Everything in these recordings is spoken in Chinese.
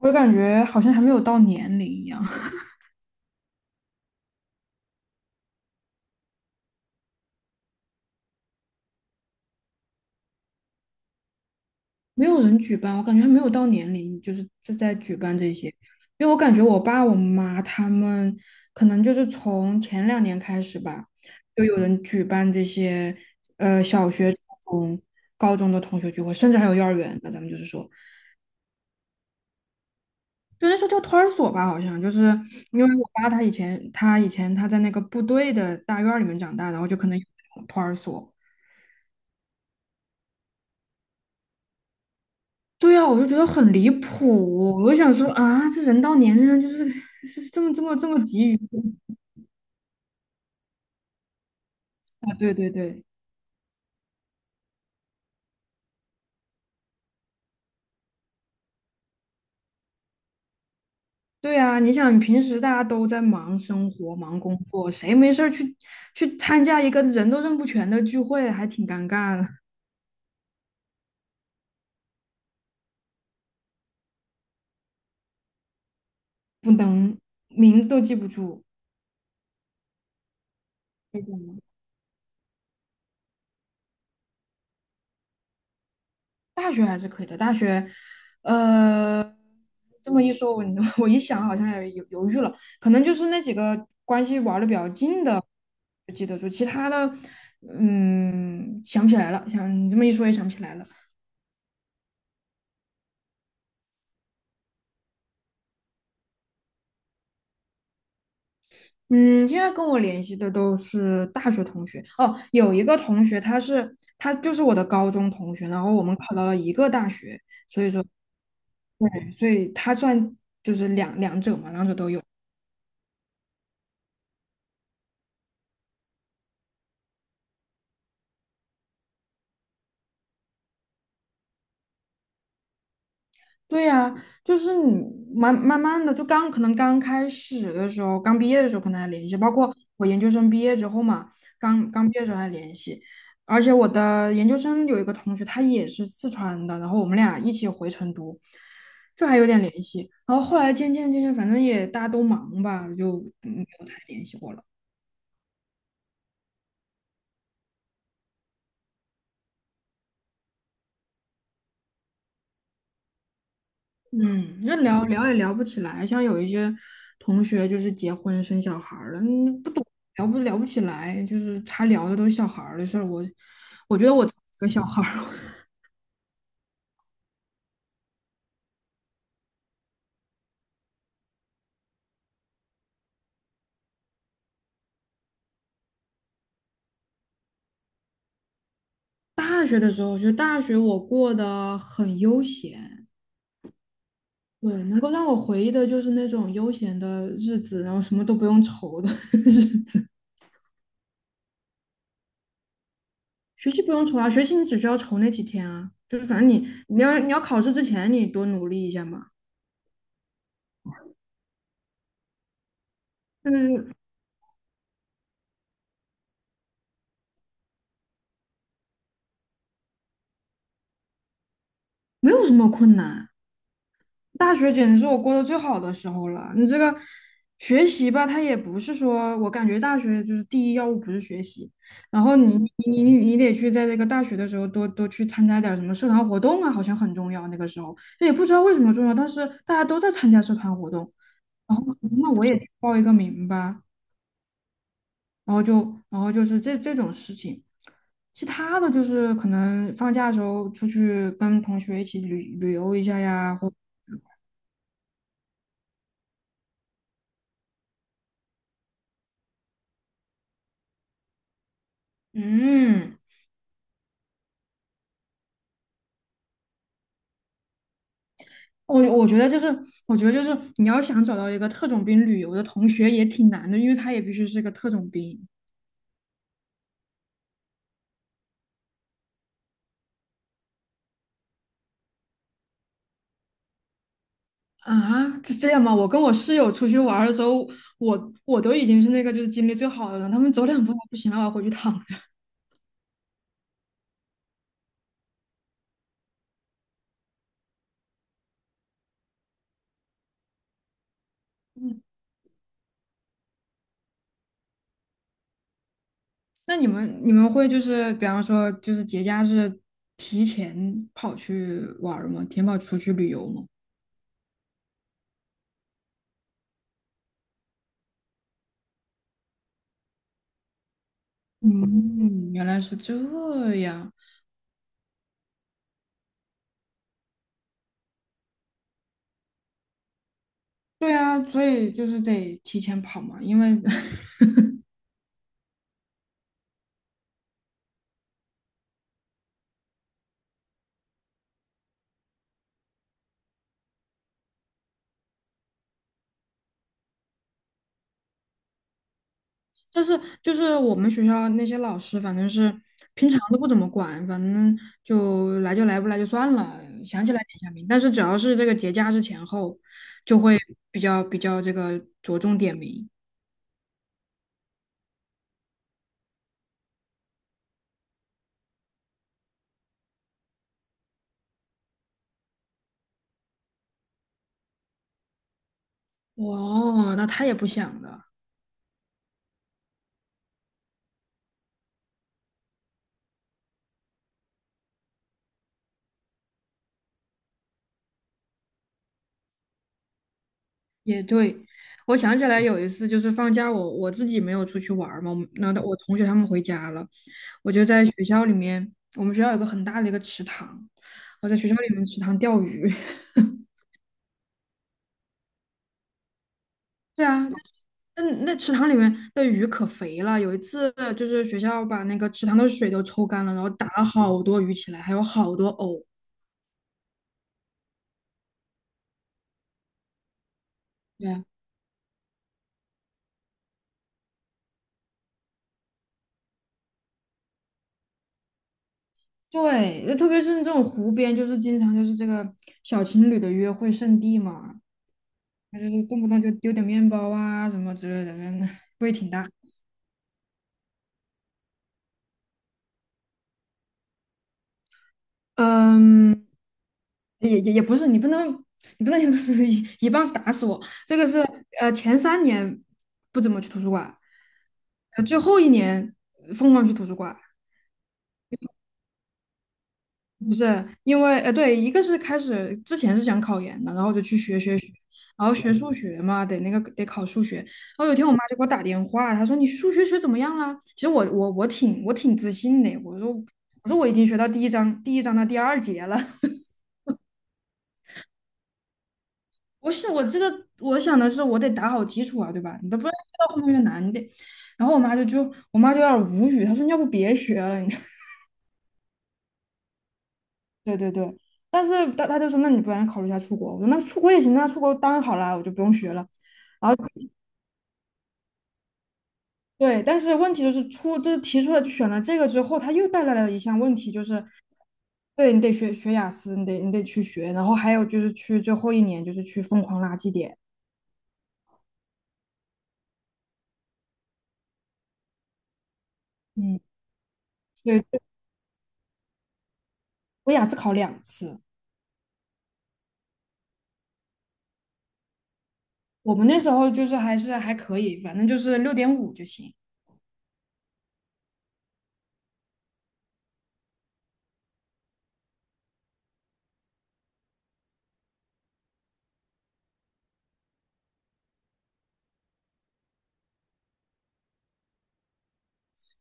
我感觉好像还没有到年龄一样，没有人举办，我感觉还没有到年龄，就是在举办这些。因为我感觉我爸我妈他们可能就是从前2年开始吧，就有人举办这些，小学、初中、高中的同学聚会，甚至还有幼儿园那咱们就是说。就那时候叫托儿所吧，好像就是因为我爸他以前在那个部队的大院里面长大，然后就可能有那种托儿所。对呀，我就觉得很离谱，我就想说啊，这人到年龄了就是这么急于啊。对对对对啊！你想平时大家都在忙生活、忙工作，谁没事儿去参加一个人都认不全的聚会，还挺尴尬的。不能，名字都记不住。大学还是可以的，大学，呃，这么一说，我 我一想好像也犹豫了，可能就是那几个关系玩的比较近的就记得住。其他的，想不起来了，想你这么一说也想不起来了。嗯，现在跟我联系的都是大学同学哦，有一个同学他就是我的高中同学，然后我们考到了一个大学。对，所以他算就是两者嘛，两者都有。对呀，就是你慢慢的，可能刚开始的时候，刚毕业的时候可能还联系，包括我研究生毕业之后嘛，刚刚毕业的时候还联系。而且我的研究生有一个同学，他也是四川的，然后我们俩一起回成都，这还有点联系。然后后来渐渐，反正也大家都忙吧，就没有太联系过了。嗯，那聊聊也聊不起来，像有一些同学就是结婚生小孩儿了，嗯，不懂，聊不起来，就是他聊的都是小孩儿的事儿。我觉得我一个小孩儿。大学的时候，我觉得大学我过得很悠闲。对，能够让我回忆的就是那种悠闲的日子，然后什么都不用愁的 日子。学习不用愁啊，学习你只需要愁那几天啊，就是反正你要考试之前你多努力一下嘛。但是没有什么困难。大学简直是我过得最好的时候了。你这个学习吧，它也不是说，我感觉大学就是第一要务不是学习。然后你嗯你你你你得去在这个大学的时候多多去参加点儿什么社团活动啊，好像很重要。那个时候也不知道为什么重要，但是大家都在参加社团活动，然后那我也去报一个名吧，然后就是这种事情。其他的就是可能放假的时候出去跟同学一起旅游一下呀，或嗯。我我觉得就是，我觉得就是你要想找到一个特种兵旅游的同学也挺难的，因为他也必须是个特种兵。啊，是这样吗？我跟我室友出去玩儿的时候，我都已经是那个就是精力最好的人，他们走两步不行了，我要回去躺着。嗯，那你们会就是比方说就是节假日提前跑去玩儿吗？提前跑出去旅游吗？嗯，原来是这样。对啊，所以就是得提前跑嘛，因为 但是就是我们学校那些老师，反正是平常都不怎么管，反正就来就来，不来就算了，想起来点下名。但是只要是这个节假日前后，就会比较这个着重点名。哦，那他也不想的，也对。我想起来有一次，就是放假我自己没有出去玩儿嘛，我们那我同学他们回家了，我就在学校里面，我们学校有个很大的一个池塘，我在学校里面池塘钓鱼。对啊，那池塘里面的鱼可肥了。有一次，就是学校把那个池塘的水都抽干了，然后打了好多鱼起来，还有好多藕。对对，就特别是这种湖边，就是经常就是这个小情侣的约会圣地嘛，就是动不动就丢点面包啊什么之类的，味挺大。嗯，也不是，你不能，你不能 一棒子打死我。这个是前3年不怎么去图书馆，最后一年疯狂去图书馆。不是因为对，一个是开始之前是想考研的，然后就去学，然后学数学嘛，得那个得考数学。然后有一天我妈就给我打电话，她说你数学学怎么样了？其实我挺自信的，我说我已经学到第一章的第二节了。不是我这个，我想的是我得打好基础啊，对吧？你都不道，越到后面越难，你得。然后我妈就有点无语，她说你要不别学了，你 对对对。但是她就说那你不然考虑一下出国，我说那出国也行，那出国当然好啦，我就不用学了。然后对，但是问题就是就是提出来就选了这个之后，它又带来了一项问题，就是对你得学雅思，你得去学，然后还有就是去最后一年就是去疯狂拉绩点。嗯，对，我雅思考2次。我们那时候就是还是还可以，反正就是6.5就行。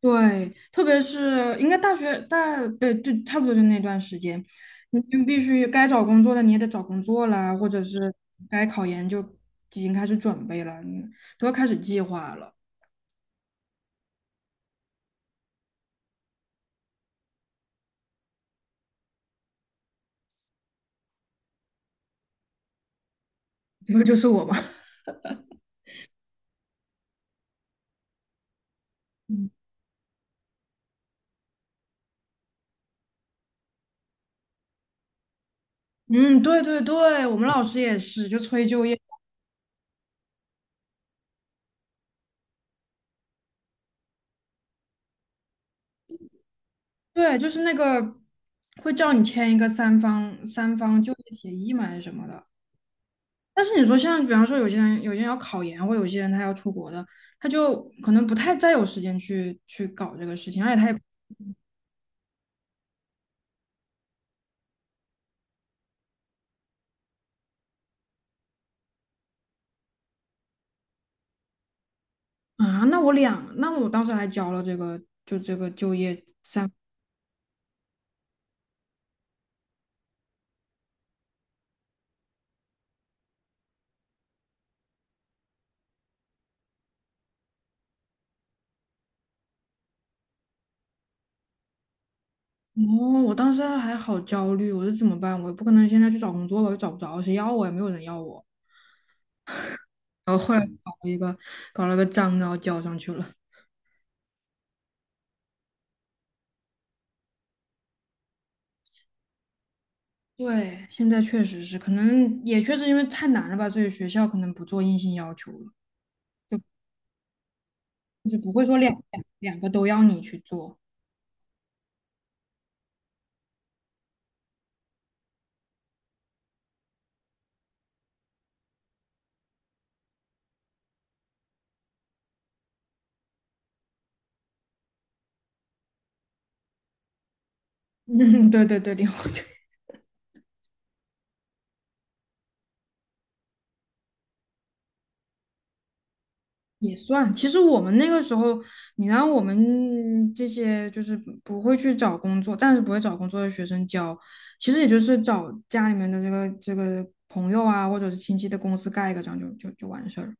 对，特别是应该大学大，对，就差不多就那段时间，你就必须该找工作的你也得找工作啦，或者是该考研就已经开始准备了，你都要开始计划了。这不就是我吗？嗯，嗯对对对，我们老师也是，就催就业。对，就是那个会叫你签一个三方就业协议嘛，还是什么的。但是你说像，比方说有些人要考研，或有些人他要出国的，他就可能不太再有时间去搞这个事情，而且他也。啊，那我两，那我当时还交了这个，就这个就业。哦，我当时还好焦虑，我说怎么办？我不可能现在去找工作吧，又找不着，谁要我也没有人要我。然后后来搞了个章，然后交上去了。对，现在确实是，可能也确实因为太难了吧，所以学校可能不做硬性要求了，就就是不会说两个都要你去做。嗯，对对对，零花钱也算。其实我们那个时候，你让我们这些就是不会去找工作，暂时不会找工作的学生交，其实也就是找家里面的这个朋友啊，或者是亲戚的公司盖一个章就完事儿了。